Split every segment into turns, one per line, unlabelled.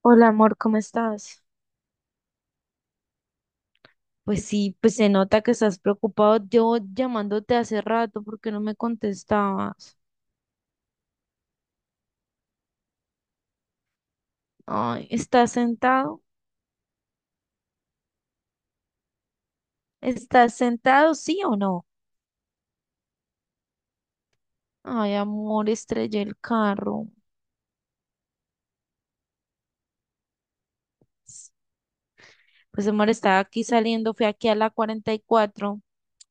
Hola amor, ¿cómo estás? Pues sí, pues se nota que estás preocupado. Yo llamándote hace rato porque no me contestabas. Ay, ¿estás sentado? ¿Estás sentado, sí o no? Ay, amor, estrellé el carro. Pues amor, estaba aquí saliendo, fui aquí a la 44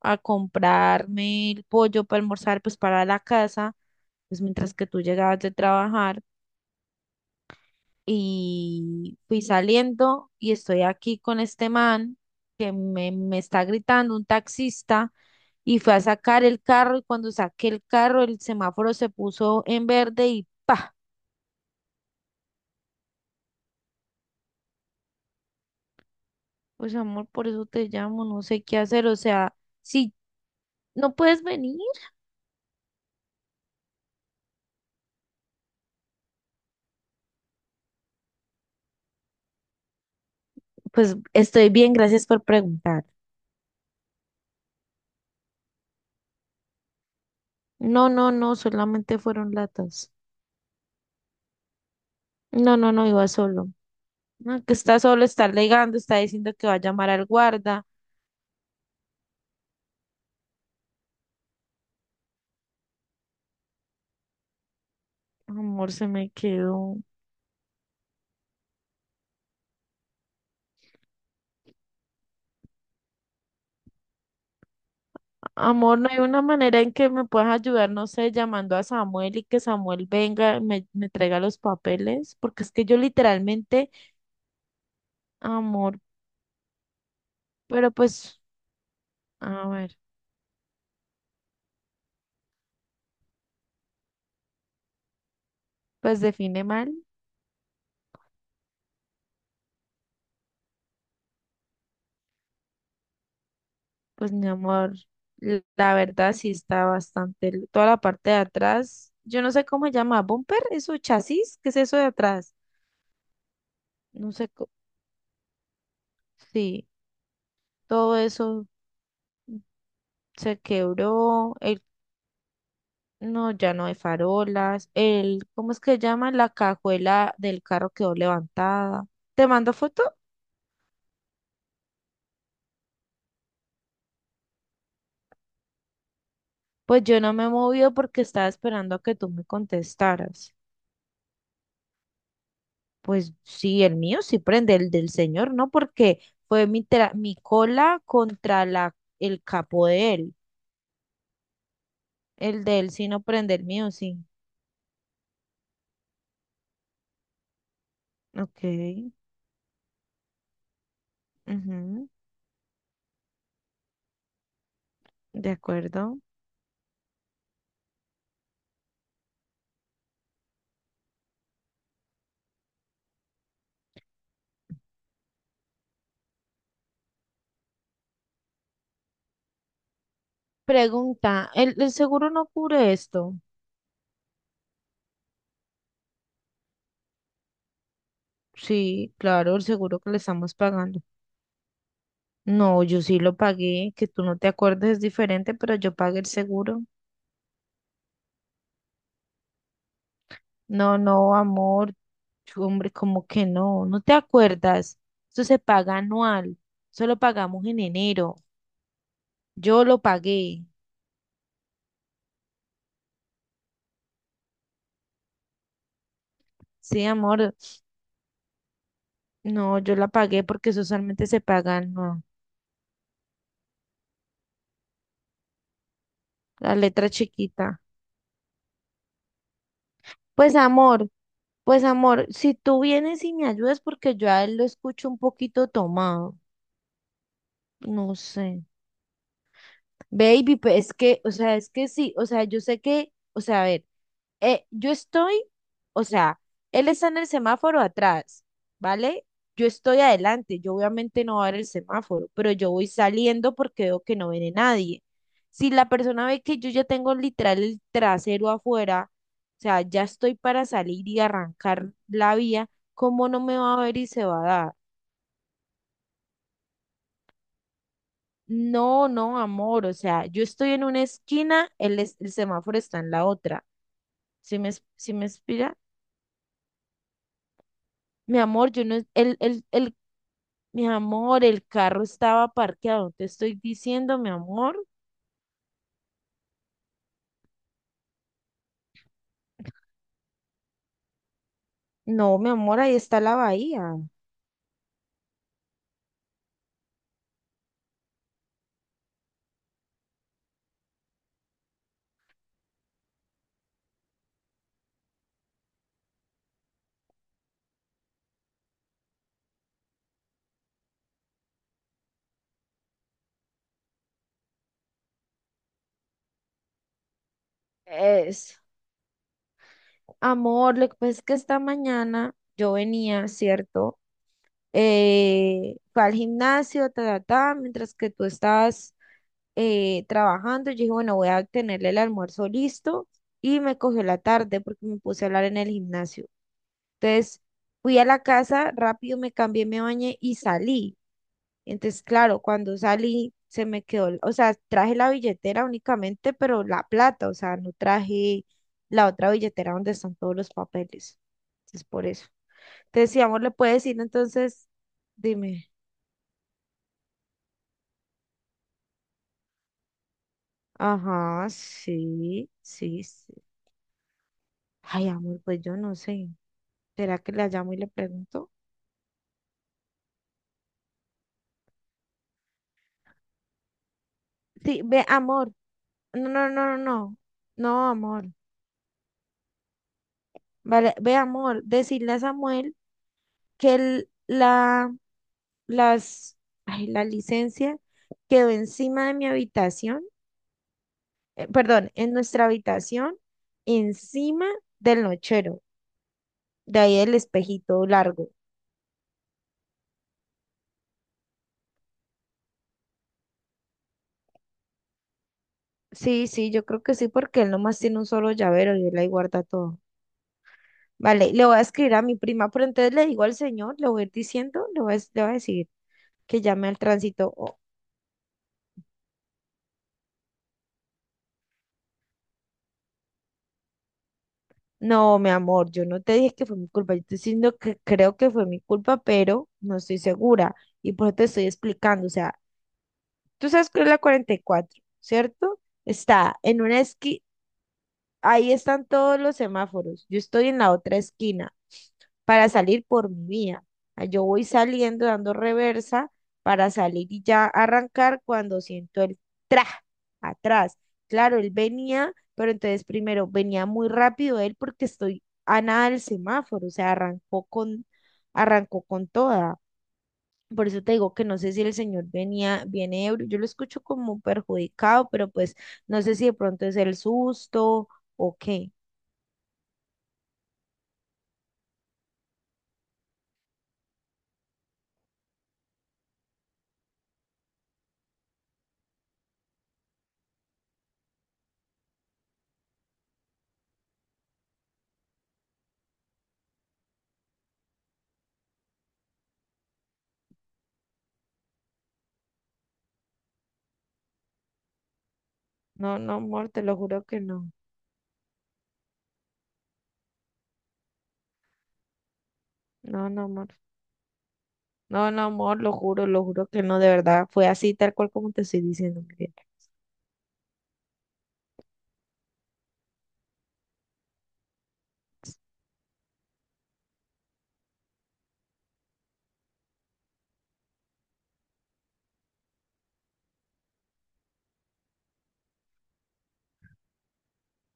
a comprarme el pollo para almorzar, pues para la casa, pues mientras que tú llegabas de trabajar. Y fui saliendo y estoy aquí con este man que me está gritando, un taxista, y fue a sacar el carro y cuando saqué el carro el semáforo se puso en verde y ¡pa! Pues amor, por eso te llamo, no sé qué hacer, o sea, si no puedes venir, pues estoy bien, gracias por preguntar. No, no, no, solamente fueron latas. No, no, no, iba solo. No, que está solo, está alegando, está diciendo que va a llamar al guarda. Amor, se me quedó. Amor, no hay una manera en que me puedas ayudar, no sé, llamando a Samuel y que Samuel venga, me traiga los papeles, porque es que yo literalmente, amor, pero pues, a ver, pues define mal, pues mi amor, la verdad sí está bastante, toda la parte de atrás, yo no sé cómo se llama, bumper, eso, chasis, ¿qué es eso de atrás? No sé, sí, todo eso se quebró, el. No, ya no hay farolas. El, ¿cómo es que llama? La cajuela del carro quedó levantada. ¿Te mando foto? Pues yo no me he movido porque estaba esperando a que tú me contestaras. Pues sí, el mío sí prende, el del señor no, porque fue mi cola contra la, el capo de él. El de él sí no prende, el mío sí. Ok, ujú, de acuerdo. Pregunta, ¿el seguro no cubre esto? Sí, claro, el seguro que le estamos pagando. No, yo sí lo pagué, que tú no te acuerdes es diferente, pero yo pagué el seguro. No, no, amor, hombre, como que no, no te acuerdas. Eso se paga anual, eso lo pagamos en enero. Yo lo pagué, sí, amor, no, yo la pagué porque eso solamente se paga, no, la letra chiquita. Pues, amor, pues, amor, si tú vienes y me ayudas porque yo a él lo escucho un poquito tomado, no sé. Baby, pues es que, o sea, es que sí, o sea, yo sé que, o sea, a ver, yo estoy, o sea, él está en el semáforo atrás, ¿vale? Yo estoy adelante, yo obviamente no voy a ver el semáforo, pero yo voy saliendo porque veo que no viene nadie. Si la persona ve que yo ya tengo literal el trasero afuera, o sea, ya estoy para salir y arrancar la vía, ¿cómo no me va a ver y se va a dar? No, no, amor, o sea, yo estoy en una esquina, el semáforo está en la otra. si me, si me inspira? Mi amor, yo no, mi amor, el carro estaba parqueado, te estoy diciendo, mi amor. No, mi amor, ahí está la bahía. Es, amor, lo que pasa es que esta mañana yo venía, ¿cierto? Fue al gimnasio, ta, ta, ta, mientras que tú estabas trabajando. Yo dije, bueno, voy a tenerle el almuerzo listo y me cogió la tarde porque me puse a hablar en el gimnasio. Entonces fui a la casa, rápido me cambié, me bañé y salí. Entonces, claro, cuando salí se me quedó, o sea, traje la billetera únicamente, pero la plata, o sea, no traje la otra billetera donde están todos los papeles. Entonces, por eso. Decíamos, le puede decir entonces, dime. Ajá, sí, sí, sí. Ay, amor, pues yo no sé. ¿Será que le llamo y le pregunto? Sí, ve, amor. No, no, no, no, no. No, amor. Vale, ve, amor, decirle a Samuel que las, ay, la licencia quedó encima de mi habitación, perdón, en nuestra habitación, encima del nochero, de ahí el espejito largo. Sí, sí, yo creo que sí, porque él nomás tiene un solo llavero y él ahí guarda todo. Vale, le voy a escribir a mi prima, pero entonces le digo al señor, le voy a ir diciendo, le voy a decir que llame al tránsito. No, mi amor, yo no te dije que fue mi culpa, yo te estoy diciendo que creo que fue mi culpa, pero no estoy segura y por eso te estoy explicando. O sea, tú sabes que es la 44, ¿cierto? Está en una esquina. Ahí están todos los semáforos. Yo estoy en la otra esquina para salir por mi vía. Ah, yo voy saliendo dando reversa para salir y ya arrancar cuando siento el tra atrás. Claro, él venía, pero entonces primero venía muy rápido él porque estoy a nada del semáforo, o sea, arrancó con toda. Por eso te digo que no sé si el señor venía, viene ebrio, yo lo escucho como perjudicado, pero pues no sé si de pronto es el susto o qué. No, no, amor, te lo juro que no. No, no, amor. No, no, amor, lo juro que no, de verdad. Fue así, tal cual como te estoy diciendo, Miguel.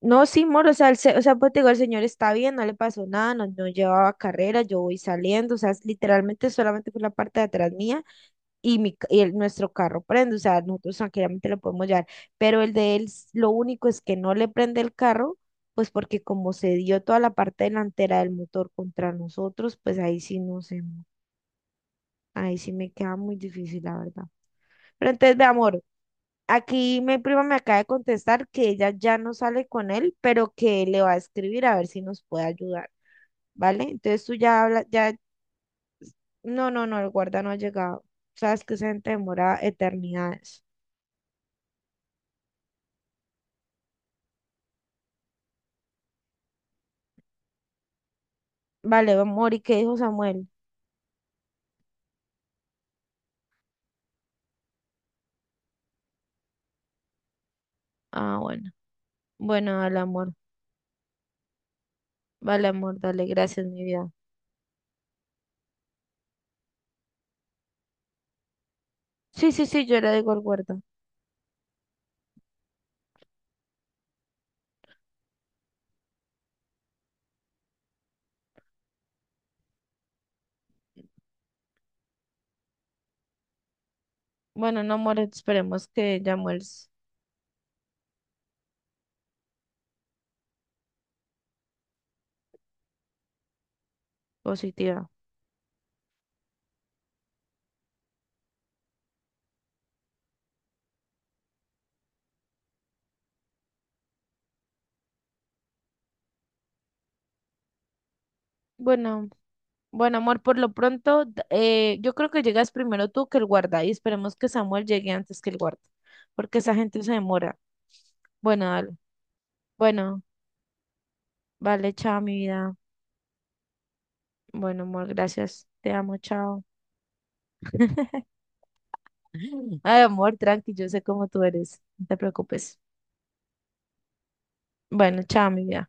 No, sí, amor, o sea, o sea, pues te digo, el señor está bien, no le pasó nada, no, no llevaba carrera, yo voy saliendo, o sea, es literalmente solamente fue la parte de atrás mía y, mi, ca- y el- nuestro carro prende, o sea, nosotros tranquilamente lo podemos llevar, pero el de él, lo único es que no le prende el carro, pues porque como se dio toda la parte delantera del motor contra nosotros, pues ahí sí no sé. Ahí sí me queda muy difícil, la verdad. Pero entonces, de amor, aquí mi prima me acaba de contestar que ella ya no sale con él, pero que le va a escribir a ver si nos puede ayudar, ¿vale? Entonces tú ya hablas, ya, no, no, no, el guarda no ha llegado. Sabes que esa gente demora eternidades. Vale, amor, ¿y qué dijo Samuel? Ah, bueno, bueno, dale, amor, vale, amor, dale, gracias, mi vida. Sí, sí, sí, yo le digo al guarda. Bueno, no, amor, esperemos que Samuel es positiva. Bueno. Bueno, amor, por lo pronto, yo creo que llegas primero tú que el guarda y esperemos que Samuel llegue antes que el guarda, porque esa gente se demora. Bueno, dale. Bueno, vale, chao, mi vida. Bueno, amor, gracias. Te amo, chao. Ay, amor, tranqui, yo sé cómo tú eres. No te preocupes. Bueno, chao, mi vida.